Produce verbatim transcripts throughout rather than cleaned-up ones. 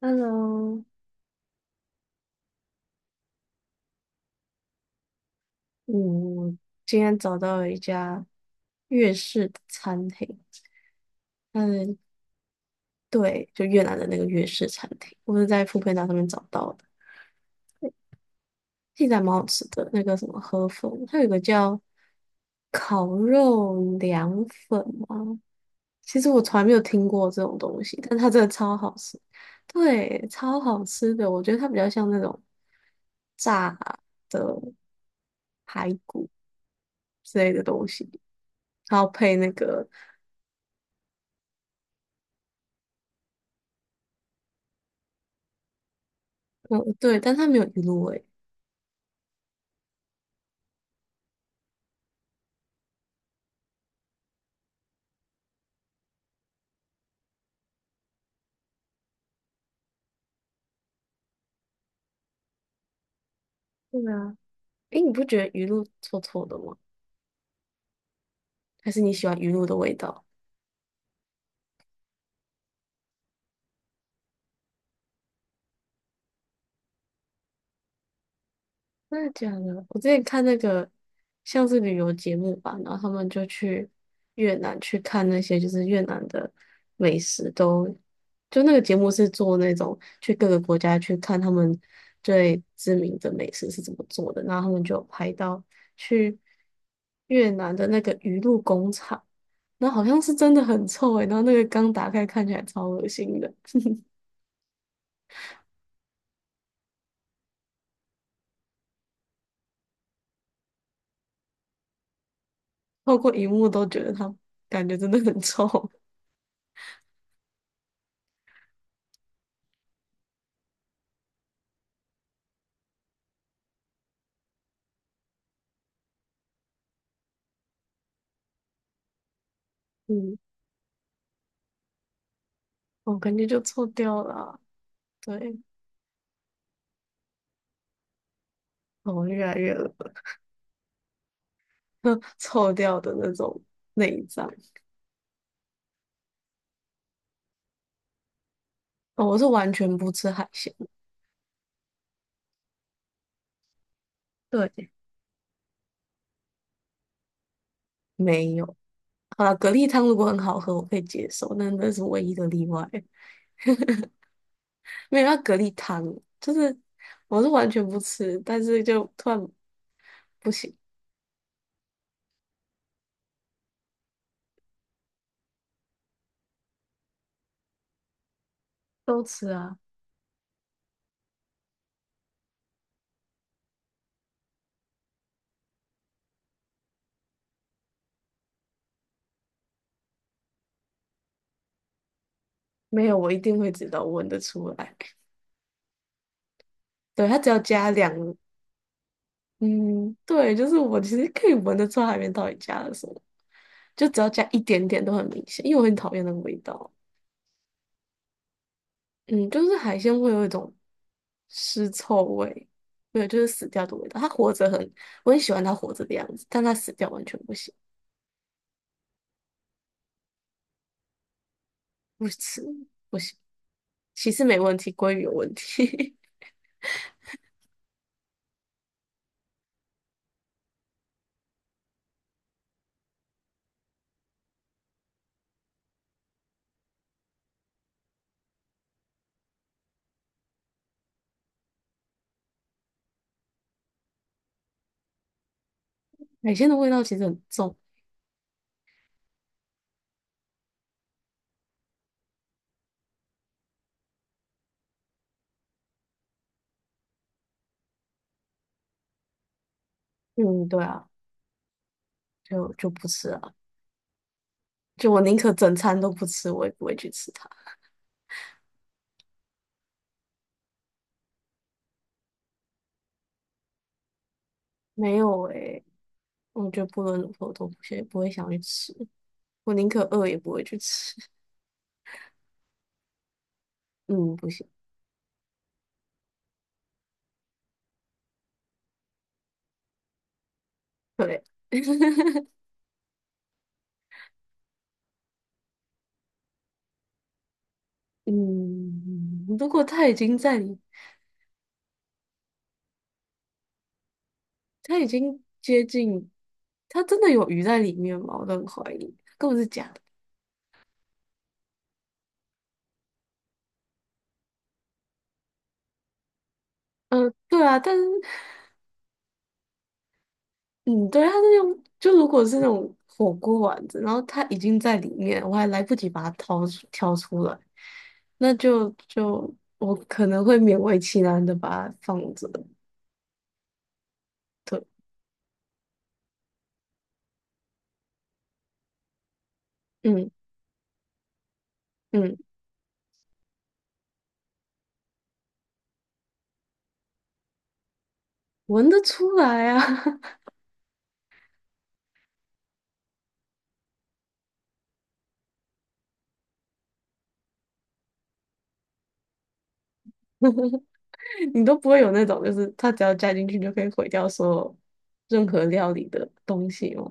Hello，我今天找到了一家粤式的餐厅，嗯，对，就越南的那个粤式餐厅，我是在富 o 达上面找到的，现在蛮好吃的。那个什么河粉，它有一个叫烤肉凉粉吗？其实我从来没有听过这种东西，但它真的超好吃，对，超好吃的。我觉得它比较像那种炸的排骨之类的东西，然后配那个。嗯，对，但它没有鱼露味。对啊，诶，你不觉得鱼露臭臭的吗？还是你喜欢鱼露的味道？真的假的？我之前看那个像是旅游节目吧，然后他们就去越南去看那些就是越南的美食都，就那个节目是做那种去各个国家去看他们最知名的美食是怎么做的，然后他们就有拍到去越南的那个鱼露工厂，那好像是真的很臭诶、然后那个缸打开看起来超恶心的，透过荧幕都觉得它感觉真的很臭，嗯。我感觉就臭掉了啊对，哦，越来越恶 臭掉的那种内脏。哦，我是完全不吃海鲜的对，没有。好了，蛤蜊汤如果很好喝，我可以接受，那那是唯一的例外。没有，那蛤蜊汤就是我是完全不吃，但是就突然不行，都吃啊。没有，我一定会知道，我闻得出来。对，它只要加两，嗯，对，就是我其实可以闻得出来海面到底加了什么。就只要加一点点都很明显，因为我很讨厌那个味道。嗯，就是海鲜会有一种尸臭味，对，就是死掉的味道。它活着很，我很喜欢它活着的样子，但它死掉完全不行，不吃不行。其实没问题，鲑鱼有问题，海鲜的味道其实很重。嗯，对啊，就就不吃啊。就我宁可整餐都不吃，我也不会去吃它。没有诶、我觉得不论如何我都不会不会想去吃，我宁可饿也不会去吃。嗯，不行。对，嗯，如果它已经在你，它已经接近，它真的有鱼在里面吗？我都很怀疑，根本是假的。呃，对啊，但是，嗯，对，它是用，就如果是那种火锅丸子，然后它已经在里面，我还来不及把它掏出挑出来，那就就我可能会勉为其难的把它放着。对，嗯嗯，闻得出来啊。你都不会有那种，就是它只要加进去就可以毁掉所有任何料理的东西吗？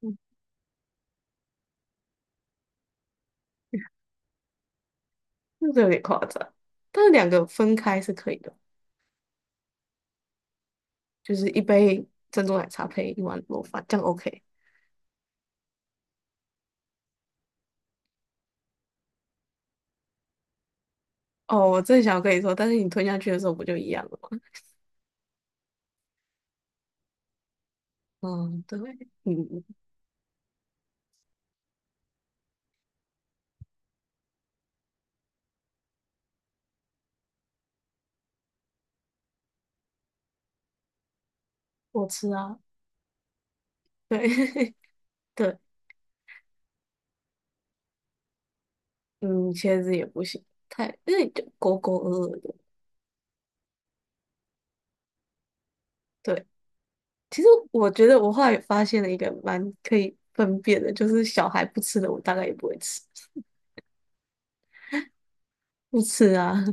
嗯，那个有点夸张。但是两个分开是可以的，就是一杯珍珠奶茶配一碗螺饭，这样 OK。哦，我正想跟你说，但是你吞下去的时候不就一样了吗？嗯，对，嗯，我吃啊，对 对，嗯，茄子也不行，太，因为就勾勾呃呃的，对，其实我觉得我后来也发现了一个蛮可以分辨的，就是小孩不吃的，我大概也不会吃。不吃啊，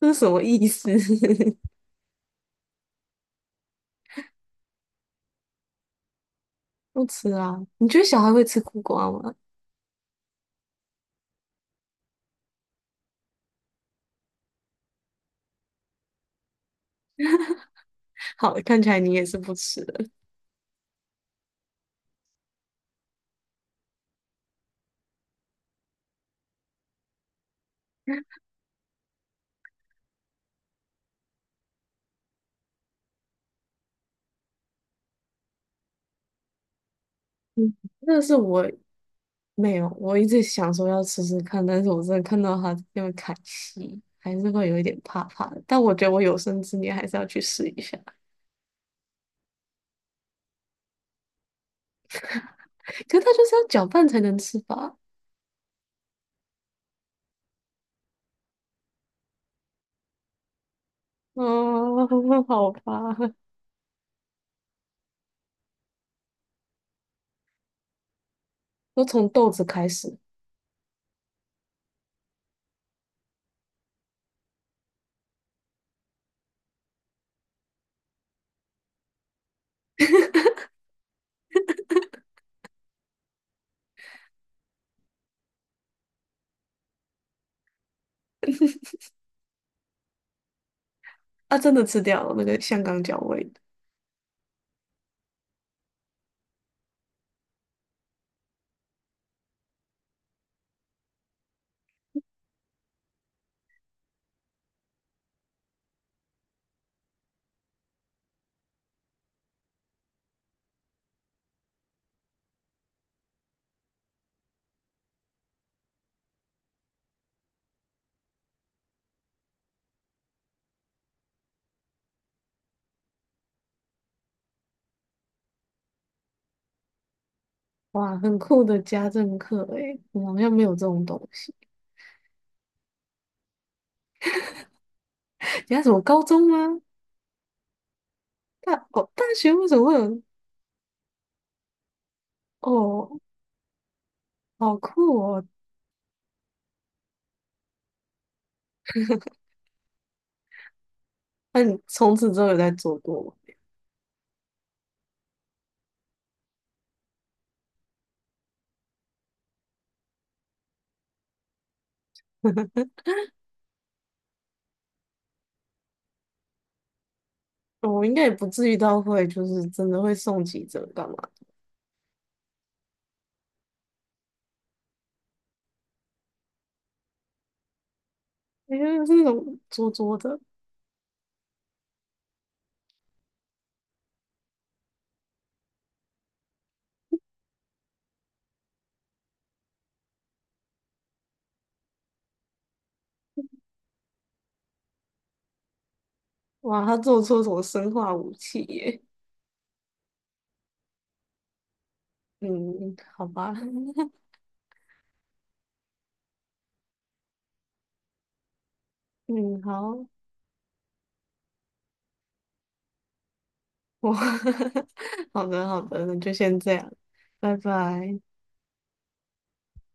这是什么意思？不吃啊？你觉得小孩会吃苦瓜吗？好，看起来你也是不吃的。嗯，那是我没有，我一直想说要吃吃看，但是我真的看到他那么砍戏，还是会有一点怕怕的。但我觉得我有生之年还是要去试一下。可是它就是要搅拌才能吃吧？啊，好吧，都从豆子开始。啊，真的吃掉了那个香港脚味的。哇，很酷的家政课诶，我们好像没有这种东西。你看什么高中吗？大哦，大学为什么会有？哦，好酷哦！那你从此之后有在做过吗？我应该也不至于到会，就是真的会送急诊干嘛？因为是那种拙拙的，哇，他做出什么生化武器耶？嗯，好吧。嗯，好，我 好的好的，那就先这样，拜拜。